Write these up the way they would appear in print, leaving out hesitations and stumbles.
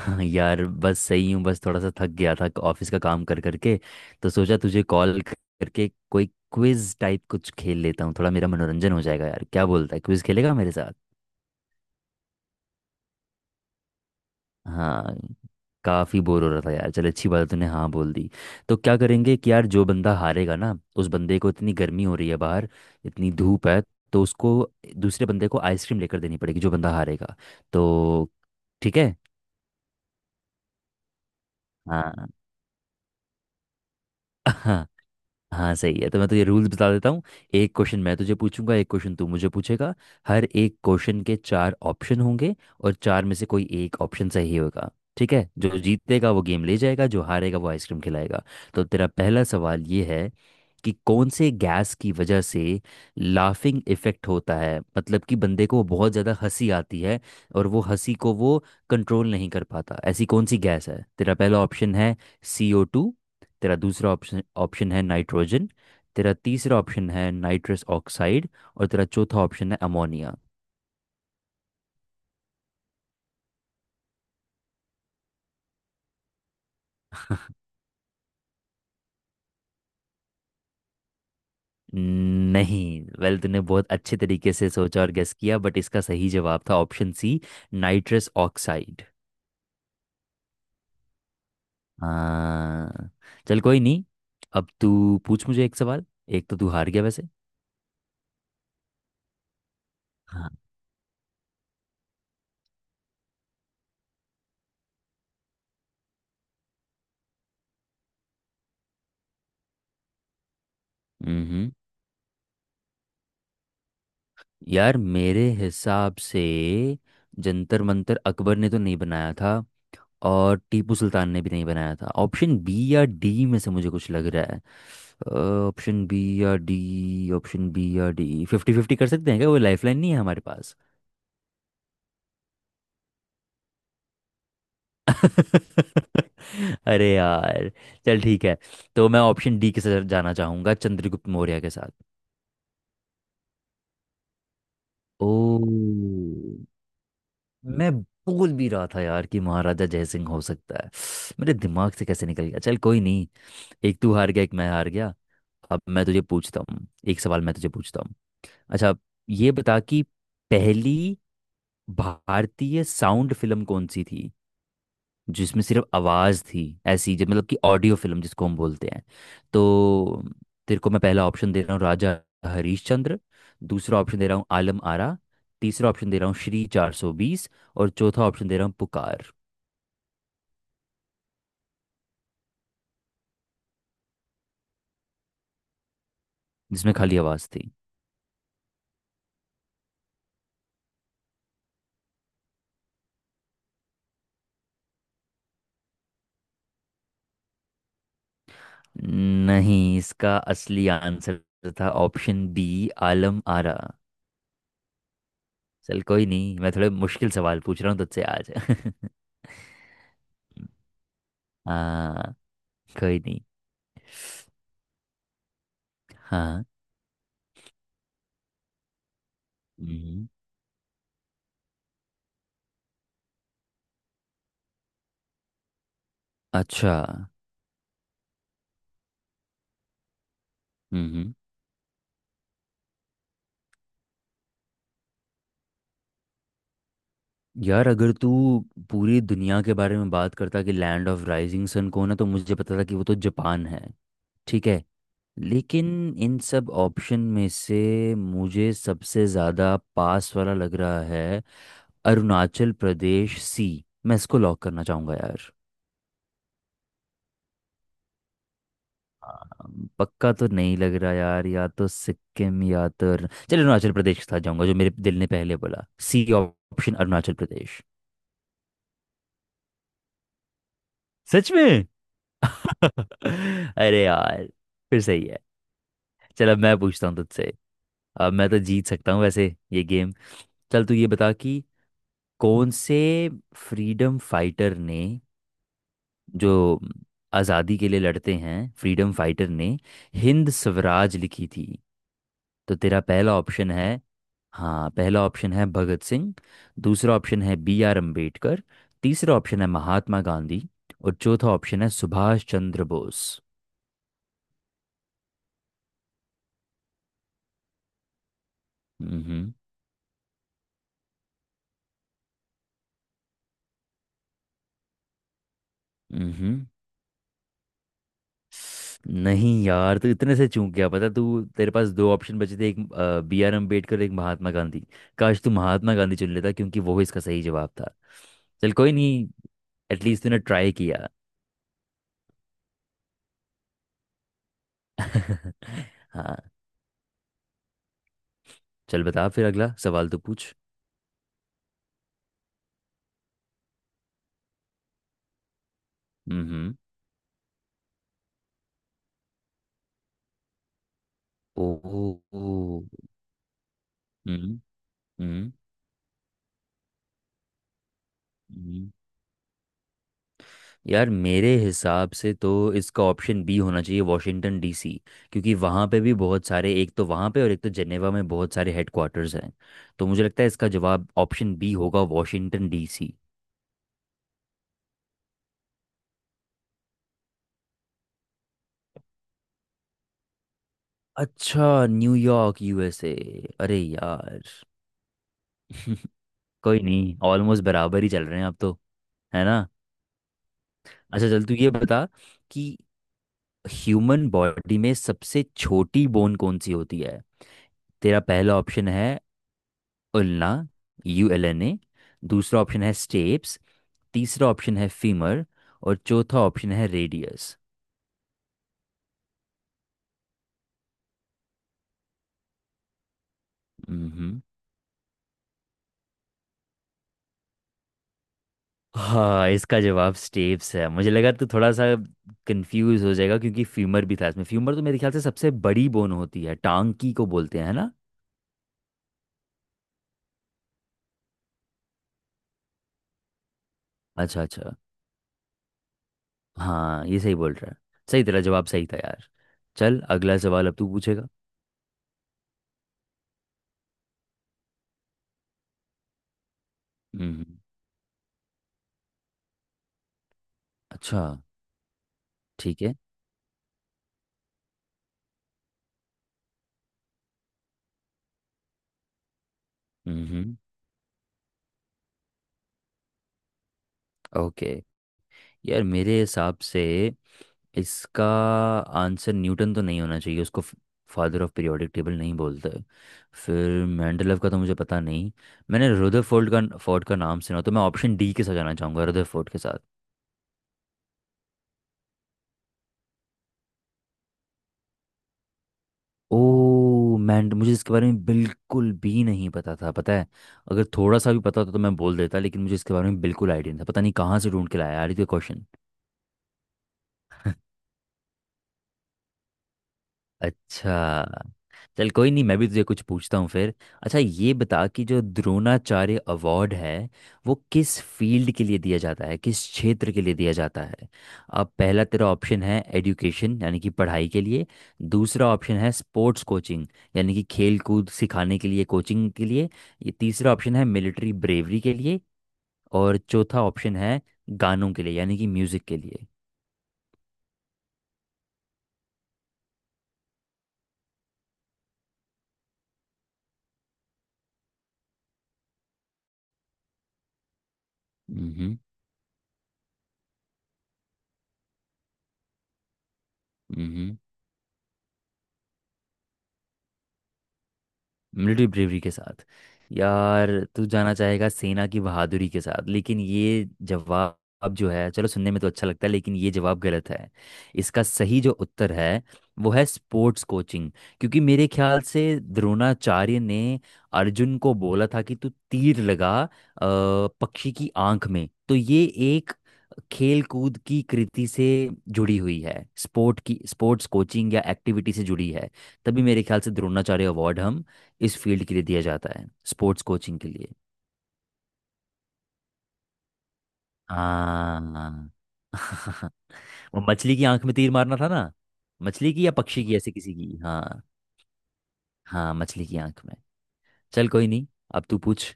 हाँ यार, बस सही हूँ। बस थोड़ा सा थक गया था ऑफिस का काम कर करके। तो सोचा तुझे कॉल करके कोई क्विज टाइप कुछ खेल लेता हूँ, थोड़ा मेरा मनोरंजन हो जाएगा। यार क्या बोलता है, क्विज खेलेगा मेरे साथ? हाँ, काफ़ी बोर हो रहा था यार। चल अच्छी बात है, तूने हाँ बोल दी। तो क्या करेंगे कि यार जो बंदा हारेगा ना, उस बंदे को, इतनी गर्मी हो रही है बाहर, इतनी धूप है, तो उसको, दूसरे बंदे को आइसक्रीम लेकर देनी पड़ेगी जो बंदा हारेगा। तो ठीक है। हाँ। हाँ सही है। तो मैं तुझे रूल्स बता देता हूँ। एक क्वेश्चन मैं तुझे पूछूंगा, एक क्वेश्चन तू मुझे पूछेगा। हर एक क्वेश्चन के चार ऑप्शन होंगे, और चार में से कोई एक ऑप्शन सही होगा। ठीक है? जो जीतेगा वो गेम ले जाएगा, जो हारेगा वो आइसक्रीम खिलाएगा। तो तेरा पहला सवाल ये है कि कौन से गैस की वजह से लाफिंग इफेक्ट होता है, मतलब कि बंदे को बहुत ज़्यादा हंसी आती है और वो हंसी को वो कंट्रोल नहीं कर पाता। ऐसी कौन सी गैस है? तेरा पहला ऑप्शन है CO2। तेरा दूसरा ऑप्शन ऑप्शन है नाइट्रोजन। तेरा तीसरा ऑप्शन है नाइट्रस ऑक्साइड। और तेरा चौथा ऑप्शन है अमोनिया। नहीं। वेल, तूने बहुत अच्छे तरीके से सोचा और गेस किया, बट इसका सही जवाब था ऑप्शन सी, नाइट्रस ऑक्साइड। हाँ, चल कोई नहीं। अब तू पूछ मुझे एक सवाल। एक तो तू हार गया वैसे। हाँ। हम्म। यार मेरे हिसाब से जंतर मंतर अकबर ने तो नहीं बनाया था, और टीपू सुल्तान ने भी नहीं बनाया था। ऑप्शन बी या डी में से मुझे कुछ लग रहा है। अ, ऑप्शन बी या डी, ऑप्शन बी या डी, फिफ्टी फिफ्टी कर सकते हैं क्या? वो लाइफलाइन नहीं है हमारे पास? अरे यार, चल ठीक है। तो मैं ऑप्शन डी के साथ जाना चाहूंगा, चंद्रगुप्त मौर्य के साथ। ओ, मैं बोल भी रहा था यार कि महाराजा जयसिंह हो सकता है। मेरे दिमाग से कैसे निकल गया! चल कोई नहीं, एक तू हार गया, एक मैं हार गया। अब मैं तुझे पूछता हूँ एक सवाल, मैं तुझे पूछता हूँ। अच्छा, ये बता कि पहली भारतीय साउंड फिल्म कौन सी थी, जिसमें सिर्फ आवाज़ थी, ऐसी जो, मतलब कि ऑडियो फिल्म जिसको हम बोलते हैं। तो तेरे को मैं पहला ऑप्शन दे रहा हूँ, राजा हरीशचंद्र। दूसरा ऑप्शन दे रहा हूँ आलम आरा। तीसरा ऑप्शन दे रहा हूँ श्री 420। और चौथा ऑप्शन दे रहा हूँ पुकार। जिसमें खाली आवाज़ थी। नहीं, इसका असली आंसर था ऑप्शन बी, आलम आरा। चल कोई नहीं, मैं थोड़े मुश्किल सवाल पूछ रहा हूँ तुझसे आज। हाँ, कोई नहीं। हाँ। हम्म। अच्छा। हम्म। यार अगर तू पूरी दुनिया के बारे में बात करता कि लैंड ऑफ राइजिंग सन कौन है, तो मुझे पता था कि वो तो जापान है, ठीक है। लेकिन इन सब ऑप्शन में से मुझे सबसे ज़्यादा पास वाला लग रहा है अरुणाचल प्रदेश, सी। मैं इसको लॉक करना चाहूँगा यार। पक्का तो नहीं लग रहा यार, या तो सिक्किम या तो चल अरुणाचल प्रदेश के साथ जाऊंगा, जो मेरे दिल ने पहले बोला, सी ऑप्शन, अरुणाचल प्रदेश। सच में? अरे यार, फिर सही है। चल अब मैं पूछता हूँ तुझसे। अब मैं तो जीत सकता हूँ वैसे ये गेम। चल तू ये बता कि कौन से फ्रीडम फाइटर ने, जो आज़ादी के लिए लड़ते हैं, फ्रीडम फाइटर ने हिंद स्वराज लिखी थी। तो तेरा पहला ऑप्शन है, हाँ, पहला ऑप्शन है भगत सिंह। दूसरा ऑप्शन है बी आर अम्बेडकर। तीसरा ऑप्शन है महात्मा गांधी। और चौथा ऑप्शन है सुभाष चंद्र बोस। हम्म। हम्म। नहीं यार, तू इतने से चूक गया, पता? तू, तेरे पास दो ऑप्शन बचे थे, एक बी आर अम्बेडकर, एक महात्मा गांधी। काश तू महात्मा गांधी चुन लेता, क्योंकि वो इसका सही जवाब था। चल कोई नहीं, एटलीस्ट तूने ट्राई किया। हाँ, चल बता फिर, अगला सवाल तो पूछ। हम्म। ओ। ओ। ओ। हम्म। हम्म। यार मेरे हिसाब से तो इसका ऑप्शन बी होना चाहिए, वॉशिंगटन डीसी। क्योंकि वहाँ पे भी बहुत सारे, एक तो वहाँ पे और एक तो जेनेवा में बहुत सारे हेडक्वार्टर्स हैं। तो मुझे लगता है इसका जवाब ऑप्शन बी होगा, वॉशिंगटन डीसी। अच्छा, न्यूयॉर्क यूएसए। अरे यार। कोई नहीं, ऑलमोस्ट बराबर ही चल रहे हैं अब तो, है ना? अच्छा चल, तू ये बता कि ह्यूमन बॉडी में सबसे छोटी बोन कौन सी होती है? तेरा पहला ऑप्शन है ulna, U L N A. दूसरा ऑप्शन है स्टेप्स। तीसरा ऑप्शन है फीमर। और चौथा ऑप्शन है रेडियस। हम्म। हाँ इसका जवाब स्टेप्स है। मुझे लगा तू थोड़ा सा कंफ्यूज हो जाएगा, क्योंकि फीमर भी था इसमें। फीमर तो मेरे ख्याल से सबसे बड़ी बोन होती है, टांग की को बोलते हैं, है ना? अच्छा अच्छा। हाँ ये सही बोल रहा है, सही, तेरा जवाब सही था यार। चल अगला सवाल अब तू पूछेगा। हम्म। अच्छा। ठीक है। हम्म। ओके। यार मेरे हिसाब से इसका आंसर न्यूटन तो नहीं होना चाहिए, उसको फादर ऑफ पीरियोडिक टेबल नहीं बोलते। फिर मेंडेलव का तो मुझे पता नहीं। मैंने रदरफोर्ड का फोर्ड का नाम सुना, तो मैं ऑप्शन डी के साथ जाना चाहूँगा, रदरफोर्ड के साथ। ओ, मैंड मुझे इसके बारे में बिल्कुल भी नहीं पता था, पता है? अगर थोड़ा सा भी पता होता तो मैं बोल देता, लेकिन मुझे इसके बारे में बिल्कुल आइडिया नहीं था। पता नहीं कहाँ से ढूंढ के लाया यार ये क्वेश्चन। अच्छा। चल कोई नहीं, मैं भी तुझे कुछ पूछता हूँ फिर। अच्छा ये बता कि जो द्रोणाचार्य अवार्ड है, वो किस फील्ड के लिए दिया जाता है, किस क्षेत्र के लिए दिया जाता है। अब पहला तेरा ऑप्शन है एजुकेशन, यानी कि पढ़ाई के लिए। दूसरा ऑप्शन है स्पोर्ट्स कोचिंग, यानी कि खेल कूद सिखाने के लिए, कोचिंग के लिए। ये तीसरा ऑप्शन है मिलिट्री ब्रेवरी के लिए। और चौथा ऑप्शन है गानों के लिए, यानी कि म्यूजिक के लिए। हम्म। मिलिट्री ब्रेवरी के साथ? यार, तू जाना चाहेगा सेना की बहादुरी के साथ, लेकिन ये जवाब, जो है, चलो सुनने में तो अच्छा लगता है, लेकिन ये जवाब गलत है। इसका सही जो उत्तर है, वो है स्पोर्ट्स कोचिंग। क्योंकि मेरे ख्याल से द्रोणाचार्य ने अर्जुन को बोला था कि तू तीर लगा पक्षी की आंख में, तो ये खेल कूद की कृति से जुड़ी हुई है, स्पोर्ट की, स्पोर्ट्स कोचिंग या एक्टिविटी से जुड़ी है। तभी मेरे ख्याल से द्रोणाचार्य अवार्ड हम इस फील्ड के लिए दिया जाता है, स्पोर्ट्स कोचिंग के लिए। हाँ। वो मछली की आंख में तीर मारना था ना? मछली की या पक्षी की, ऐसे किसी की, हाँ। हाँ, मछली की आंख में। चल कोई नहीं, अब तू पूछ।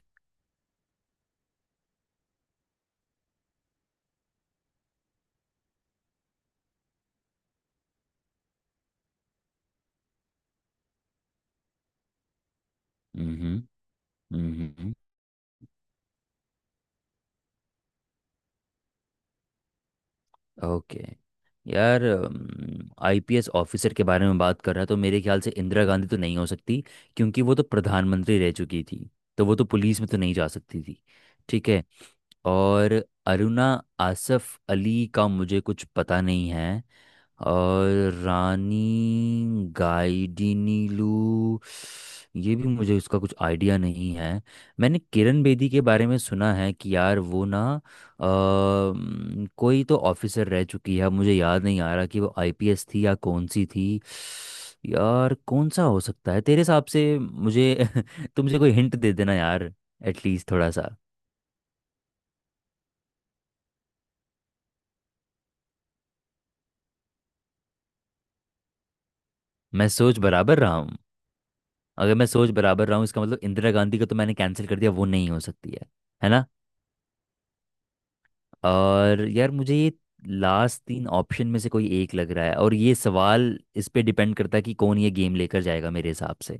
हम्म। हम्म। हम्म। हम्म। ओके। यार, आईपीएस ऑफिसर के बारे में बात कर रहा है, तो मेरे ख्याल से इंदिरा गांधी तो नहीं हो सकती, क्योंकि वो तो प्रधानमंत्री रह चुकी थी, तो वो तो पुलिस में तो नहीं जा सकती थी, ठीक है। और अरुणा आसफ अली का मुझे कुछ पता नहीं है। और रानी गाइडिनीलू, ये भी मुझे उसका कुछ आइडिया नहीं है। मैंने किरण बेदी के बारे में सुना है कि यार वो ना, कोई तो ऑफिसर रह चुकी है, अब मुझे याद नहीं आ रहा कि वो आईपीएस थी या कौन सी थी। यार कौन सा हो सकता है तेरे हिसाब से मुझे? तुमसे कोई हिंट दे देना यार, एटलीस्ट थोड़ा सा। मैं सोच बराबर रहा हूँ। अगर मैं सोच बराबर रहा हूँ, इसका मतलब इंदिरा गांधी का तो मैंने कैंसिल कर दिया, वो नहीं हो सकती है ना। और यार मुझे ये लास्ट तीन ऑप्शन में से कोई एक लग रहा है, और ये सवाल इस पे डिपेंड करता है कि कौन ये गेम लेकर जाएगा मेरे हिसाब से।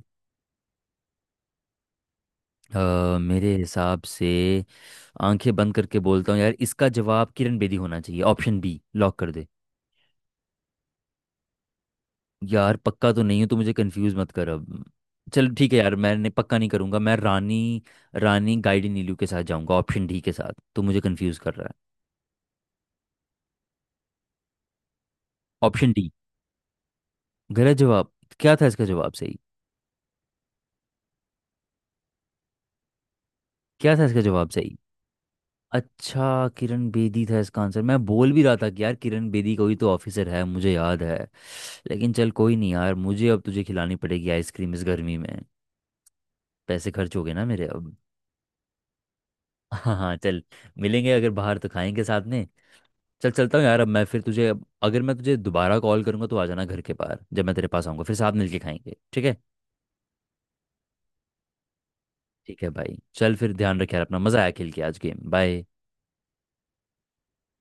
मेरे हिसाब से, आंखें बंद करके बोलता हूँ यार, इसका जवाब किरण बेदी होना चाहिए, ऑप्शन बी लॉक कर दे। यार पक्का तो नहीं हूँ, तो मुझे कंफ्यूज मत कर अब। चल ठीक है यार, मैंने पक्का नहीं करूंगा। मैं रानी रानी गाइडी नीलू के साथ जाऊंगा, ऑप्शन डी के साथ। तो मुझे कंफ्यूज कर रहा है। Option D. गलत जवाब? क्या था इसका जवाब सही? क्या था इसका जवाब सही? अच्छा, किरण बेदी था इसका आंसर। मैं बोल भी रहा था कि यार किरण बेदी कोई तो ऑफिसर है मुझे याद है। लेकिन चल कोई नहीं, यार मुझे अब तुझे खिलानी पड़ेगी आइसक्रीम इस गर्मी में। पैसे खर्च हो गए ना मेरे अब। हाँ हाँ, चल। मिलेंगे अगर बाहर तो खाएंगे साथ में। चल, चलता हूँ यार अब मैं, फिर तुझे, अगर मैं तुझे दोबारा कॉल करूँगा तो आ जाना घर के बाहर, जब मैं तेरे पास आऊँगा, फिर साथ मिलके खाएंगे, ठीक है? ठीक है भाई, चल फिर, ध्यान रख यार अपना। मज़ा आया खेल के आज गेम, बाय।